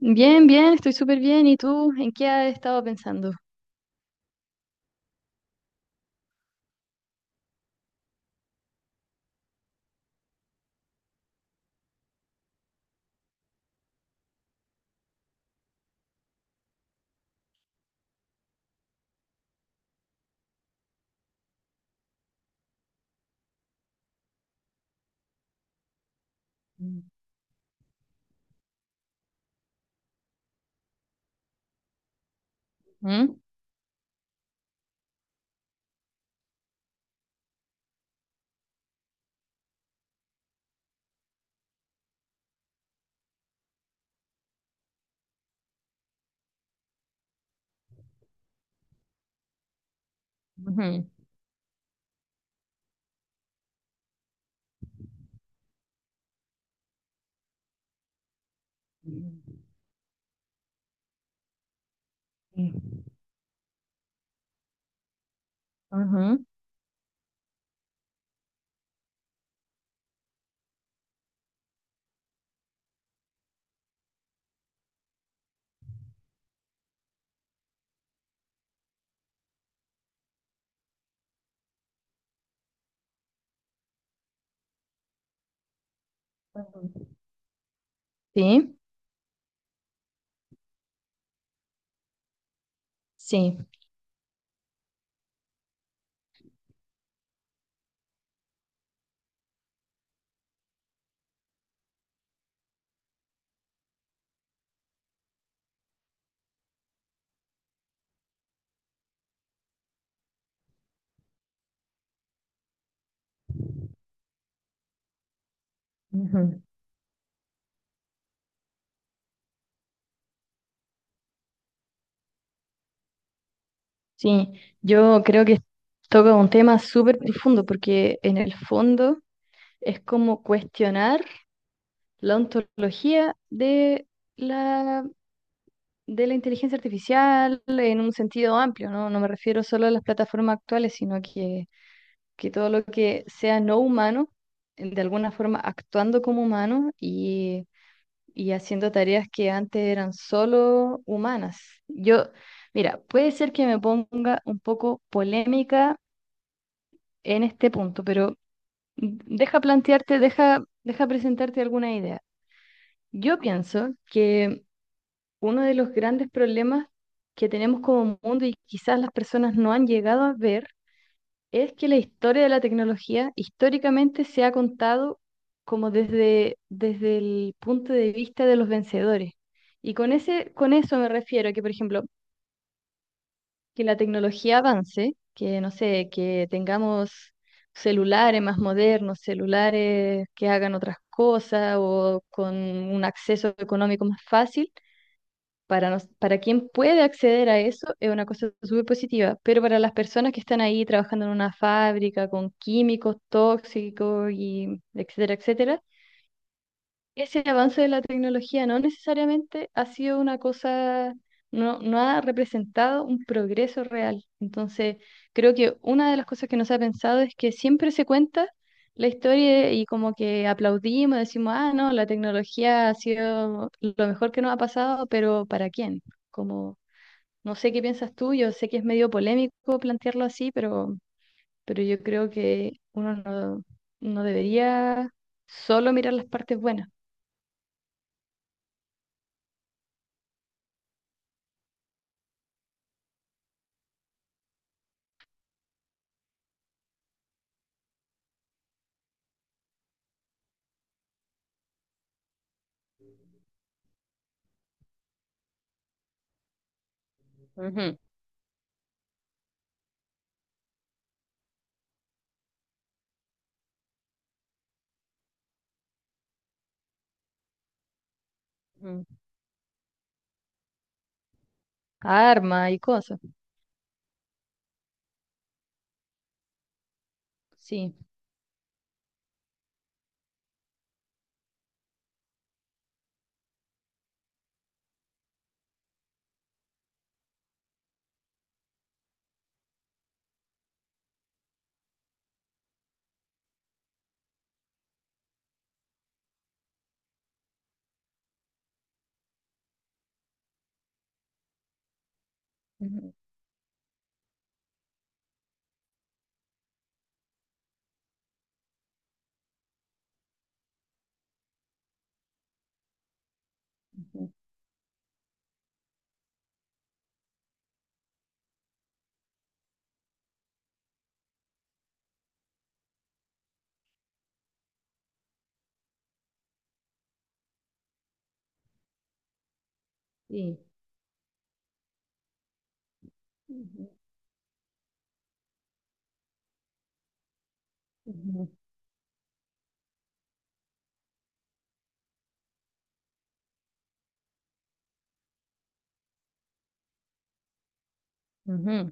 Bien, bien, estoy súper bien. ¿Y tú en qué has estado pensando? Mm. ¿Mm? Ujú. Mm. Ujú. Ujú. Sí, sí, ujú, sí. Yo creo que toca un tema súper profundo porque en el fondo es como cuestionar la ontología la, de la inteligencia artificial en un sentido amplio, ¿no? No me refiero solo a las plataformas actuales, sino que todo lo que sea no humano, de alguna forma actuando como humano y haciendo tareas que antes eran solo humanas. Yo, Mira, puede ser que me ponga un poco polémica en este punto, pero deja presentarte alguna idea. Yo pienso que uno de los grandes problemas que tenemos como mundo y quizás las personas no han llegado a ver es que la historia de la tecnología históricamente se ha contado como desde el punto de vista de los vencedores. Y con eso me refiero a que, por ejemplo, que la tecnología avance, que no sé, que tengamos celulares más modernos, celulares que hagan otras cosas o con un acceso económico más fácil para quien puede acceder a eso es una cosa súper positiva, pero para las personas que están ahí trabajando en una fábrica con químicos tóxicos y etcétera, etcétera, ese avance de la tecnología no necesariamente ha sido una cosa, no, no ha representado un progreso real. Entonces, creo que una de las cosas que no se ha pensado es que siempre se cuenta la historia y como que aplaudimos, decimos, ah, no, la tecnología ha sido lo mejor que nos ha pasado, pero ¿para quién? Como, no sé qué piensas tú, yo sé que es medio polémico plantearlo así, pero yo creo que uno no debería solo mirar las partes buenas. Arma y cosas. Sí. Ujú. Ujú. Sí. Ujú. Ujú. Ujú.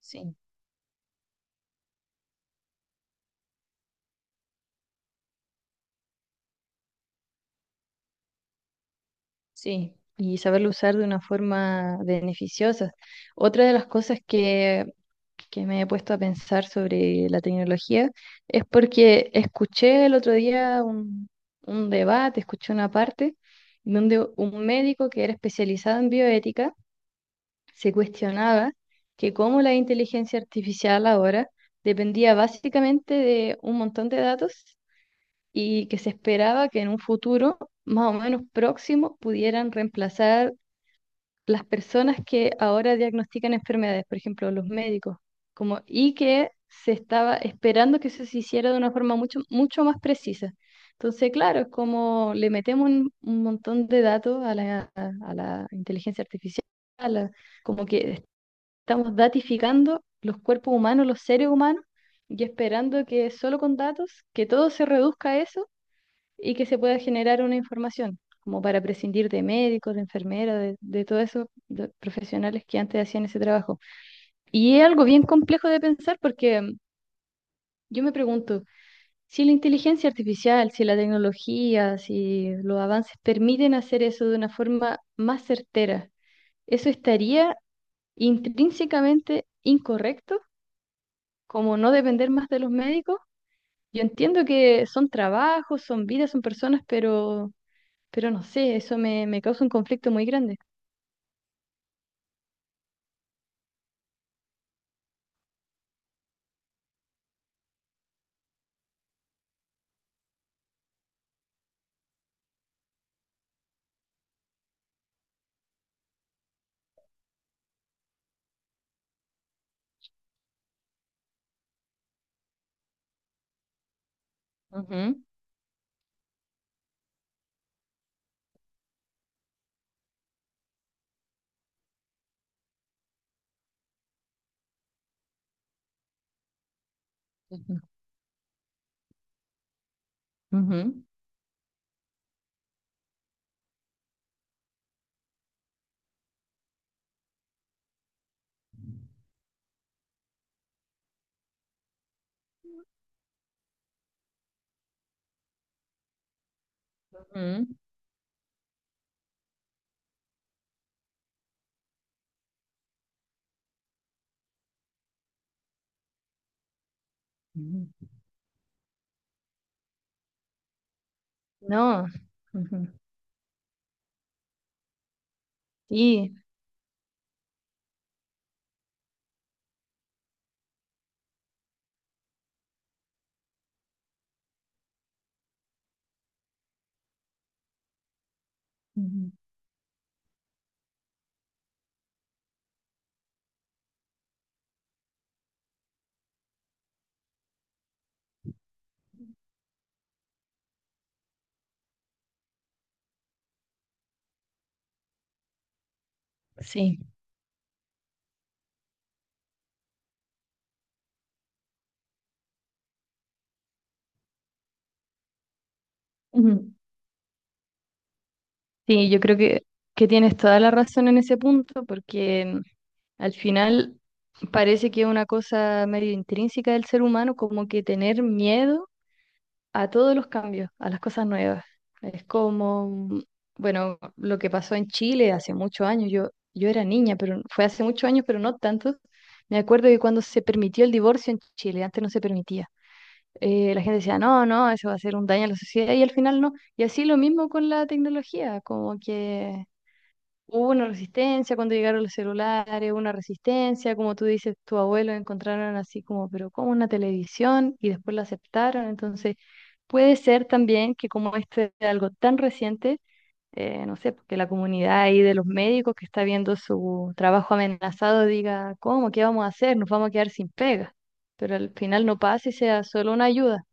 Sí, sí. Y saberlo usar de una forma beneficiosa. Otra de las cosas que me he puesto a pensar sobre la tecnología es porque escuché el otro día un debate, escuché una parte donde un médico que era especializado en bioética se cuestionaba que cómo la inteligencia artificial ahora dependía básicamente de un montón de datos y que se esperaba que en un futuro más o menos próximo pudieran reemplazar las personas que ahora diagnostican enfermedades, por ejemplo, los médicos, como, y que se estaba esperando que eso se hiciera de una forma mucho, mucho más precisa. Entonces, claro, es como le metemos un montón de datos a a la inteligencia artificial, a la- como que estamos datificando los cuerpos humanos, los seres humanos, y esperando que solo con datos, que todo se reduzca a eso y que se pueda generar una información, como para prescindir de médicos, de enfermeras, de todos esos profesionales que antes hacían ese trabajo. Y es algo bien complejo de pensar porque yo me pregunto, si la inteligencia artificial, si la tecnología, si los avances permiten hacer eso de una forma más certera, ¿eso estaría intrínsecamente incorrecto? Como no depender más de los médicos. Yo entiendo que son trabajos, son vidas, son personas, pero no sé, eso me causa un conflicto muy grande. Ujú, ujú, ujú, ujú, ujú, no, ujú, sí, ujú. Sí. Ujú. Sí, yo creo que tienes toda la razón en ese punto, porque al final parece que es una cosa medio intrínseca del ser humano, como que tener miedo a todos los cambios, a las cosas nuevas. Es como, bueno, lo que pasó en Chile hace muchos años, yo era niña, pero fue hace muchos años, pero no tantos. Me acuerdo que cuando se permitió el divorcio en Chile, antes no se permitía. La gente decía, no, no, eso va a hacer un daño a la sociedad y al final no. Y así lo mismo con la tecnología, como que hubo una resistencia cuando llegaron los celulares, una resistencia, como tú dices, tu abuelo encontraron así como, pero como una televisión y después la aceptaron. Entonces, puede ser también que como este es algo tan reciente, no sé, porque la comunidad ahí de los médicos que está viendo su trabajo amenazado diga, ¿cómo? ¿Qué vamos a hacer? Nos vamos a quedar sin pega. Pero al final no pasa y sea solo una ayuda.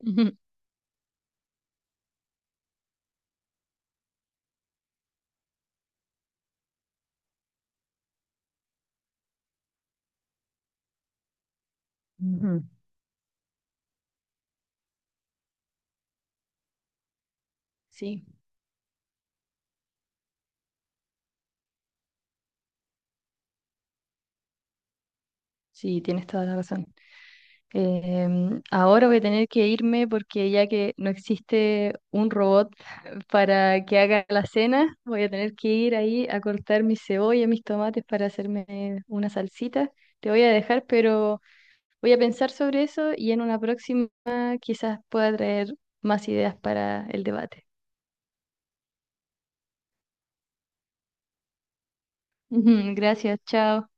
Ujú. Sí. Sí, tienes toda la razón. Ahora voy a tener que irme porque ya que no existe un robot para que haga la cena, voy a tener que ir ahí a cortar mis cebollas, mis tomates para hacerme una salsita. Te voy a dejar, pero voy a pensar sobre eso y en una próxima quizás pueda traer más ideas para el debate. Gracias, chao.